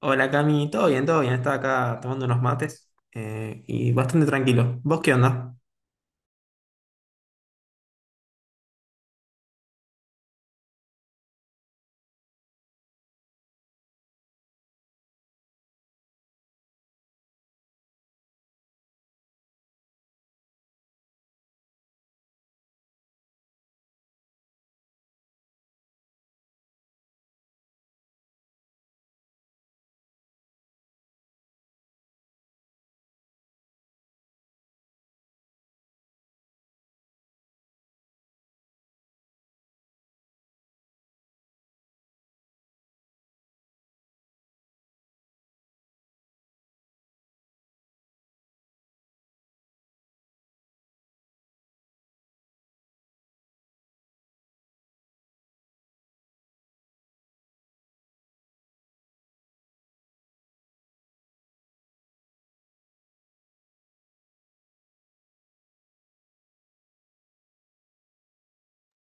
Hola Cami, todo bien, todo bien. Estaba acá tomando unos mates y bastante tranquilo. ¿Vos qué onda?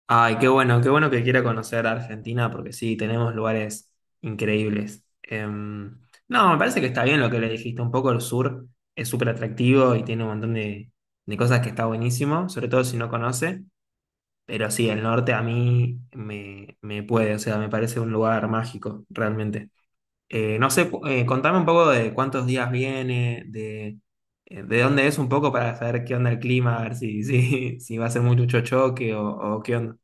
Ay, qué bueno que quiera conocer a Argentina porque sí, tenemos lugares increíbles. No, me parece que está bien lo que le dijiste. Un poco el sur es súper atractivo y tiene un montón de cosas que está buenísimo, sobre todo si no conoce. Pero sí, el norte a mí me puede, o sea, me parece un lugar mágico, realmente. No sé, contame un poco de cuántos días viene, de dónde es un poco para saber qué onda el clima, a ver si va a ser mucho choque o qué onda.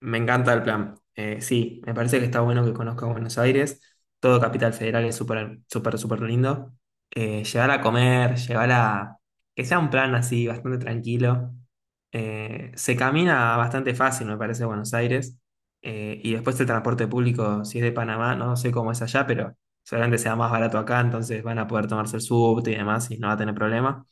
Me encanta el plan. Sí, me parece que está bueno que conozca Buenos Aires. Todo Capital Federal es súper, súper, súper lindo. Llegar a comer, llegar a... Que sea un plan así, bastante tranquilo. Se camina bastante fácil, me parece, Buenos Aires. Y después el transporte público, si es de Panamá, no sé cómo es allá, pero seguramente sea más barato acá, entonces van a poder tomarse el subte y demás y no va a tener problema.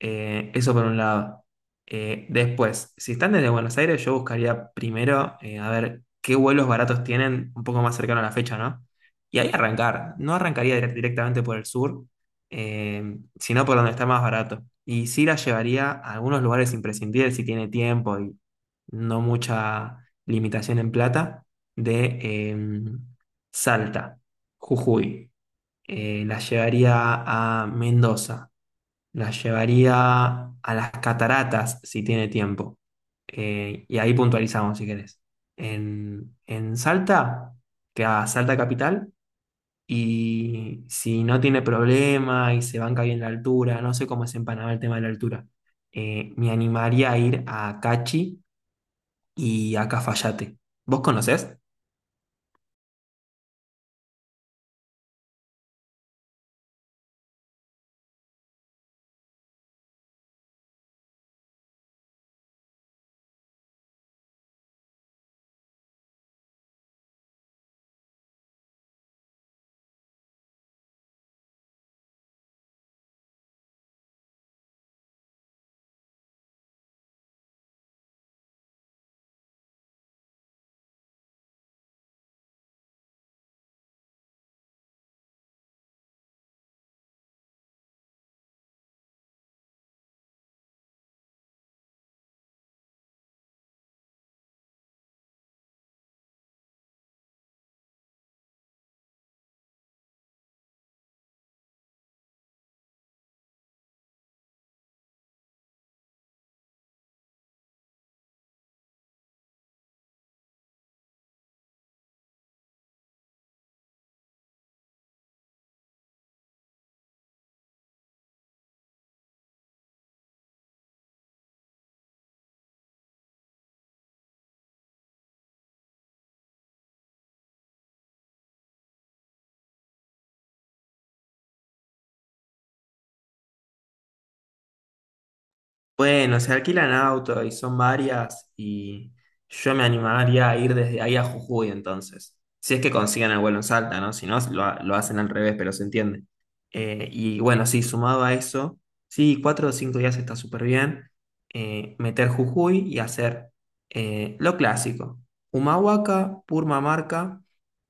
Eso por un lado. Después, si están desde Buenos Aires, yo buscaría primero a ver qué vuelos baratos tienen un poco más cercano a la fecha, ¿no? Y ahí arrancar. No arrancaría directamente por el sur, sino por donde está más barato. Y sí la llevaría a algunos lugares imprescindibles si tiene tiempo y no mucha limitación en plata, de Salta, Jujuy. La llevaría a Mendoza, la llevaría a las cataratas si tiene tiempo. Y ahí puntualizamos si querés. En Salta, que a Salta Capital. Y si no tiene problema y se banca bien la altura, no sé cómo es en Panamá el tema de la altura, me animaría a ir a Cachi y a Cafayate. ¿Vos conocés? Bueno, se alquilan auto y son varias y yo me animaría a ir desde ahí a Jujuy entonces. Si es que consiguen el vuelo en Salta, ¿no? Si no, lo hacen al revés, pero se entiende. Y bueno, sí, sumado a eso, sí, 4 o 5 días está súper bien. Meter Jujuy y hacer lo clásico. Humahuaca, Purmamarca,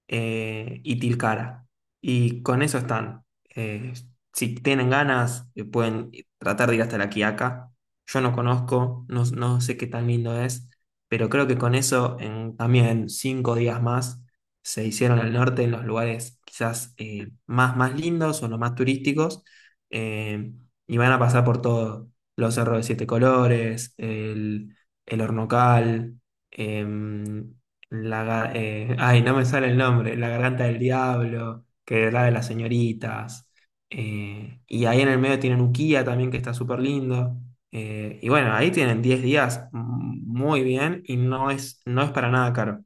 y Tilcara. Y con eso están. Eh, si tienen ganas, pueden tratar de ir hasta La Quiaca. Yo no conozco, no, no sé qué tan lindo es, pero creo que con eso, en también 5 días más, se hicieron al norte en los lugares quizás más, más lindos o los más turísticos. eh, y van a pasar por todo, los cerros de siete colores, el Hornocal, em, ay, no me sale el nombre, La Garganta del Diablo, que era de las señoritas. Y ahí en el medio tienen Ukiah también, que está súper lindo. Y bueno, ahí tienen 10 días muy bien y no es, no es para nada caro.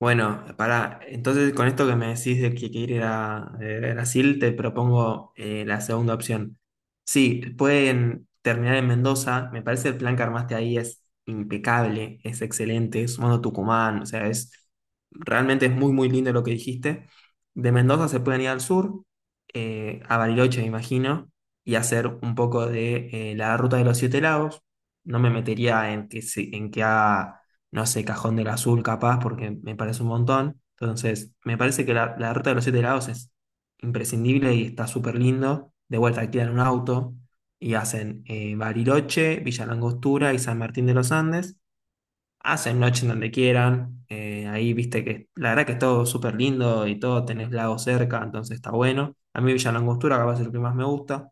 Bueno, para entonces con esto que me decís de que quiere ir a Brasil, te propongo la segunda opción. Sí, pueden terminar en Mendoza, me parece el plan que armaste ahí es impecable, es excelente, sumando Tucumán, o sea, es realmente es muy muy lindo lo que dijiste. De Mendoza se pueden ir al sur, a Bariloche me imagino, y hacer un poco de la ruta de los Siete Lagos. No me metería en en que haga no sé, Cajón del Azul capaz, porque me parece un montón. Entonces, me parece que la ruta de los siete lados es imprescindible y está súper lindo. De vuelta, alquilan un auto y hacen Bariloche, Villa Langostura y San Martín de los Andes. Hacen noche en donde quieran. Ahí viste que la verdad que es todo súper lindo y todo, tenés lago cerca, entonces está bueno. A mí Villa Langostura capaz es lo que más me gusta,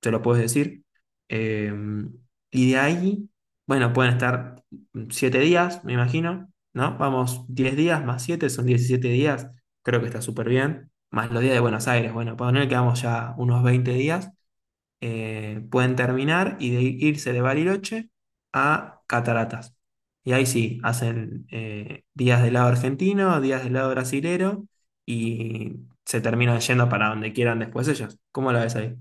te lo puedes decir. Eh, y de ahí, bueno, pueden estar 7 días, me imagino, ¿no? Vamos, 10 días más 7 son 17 días, creo que está súper bien, más los días de Buenos Aires, bueno, poner que vamos ya unos 20 días, pueden terminar y de irse de Bariloche a Cataratas. Y ahí sí, hacen días del lado argentino, días del lado brasilero y se terminan yendo para donde quieran después ellos. ¿Cómo lo ves ahí?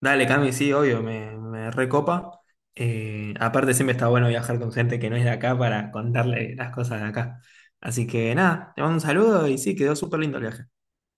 Dale, Cami, sí, obvio, me recopa. Aparte, siempre está bueno viajar con gente que no es de acá para contarle las cosas de acá. Así que nada, te mando un saludo y sí, quedó súper lindo el viaje.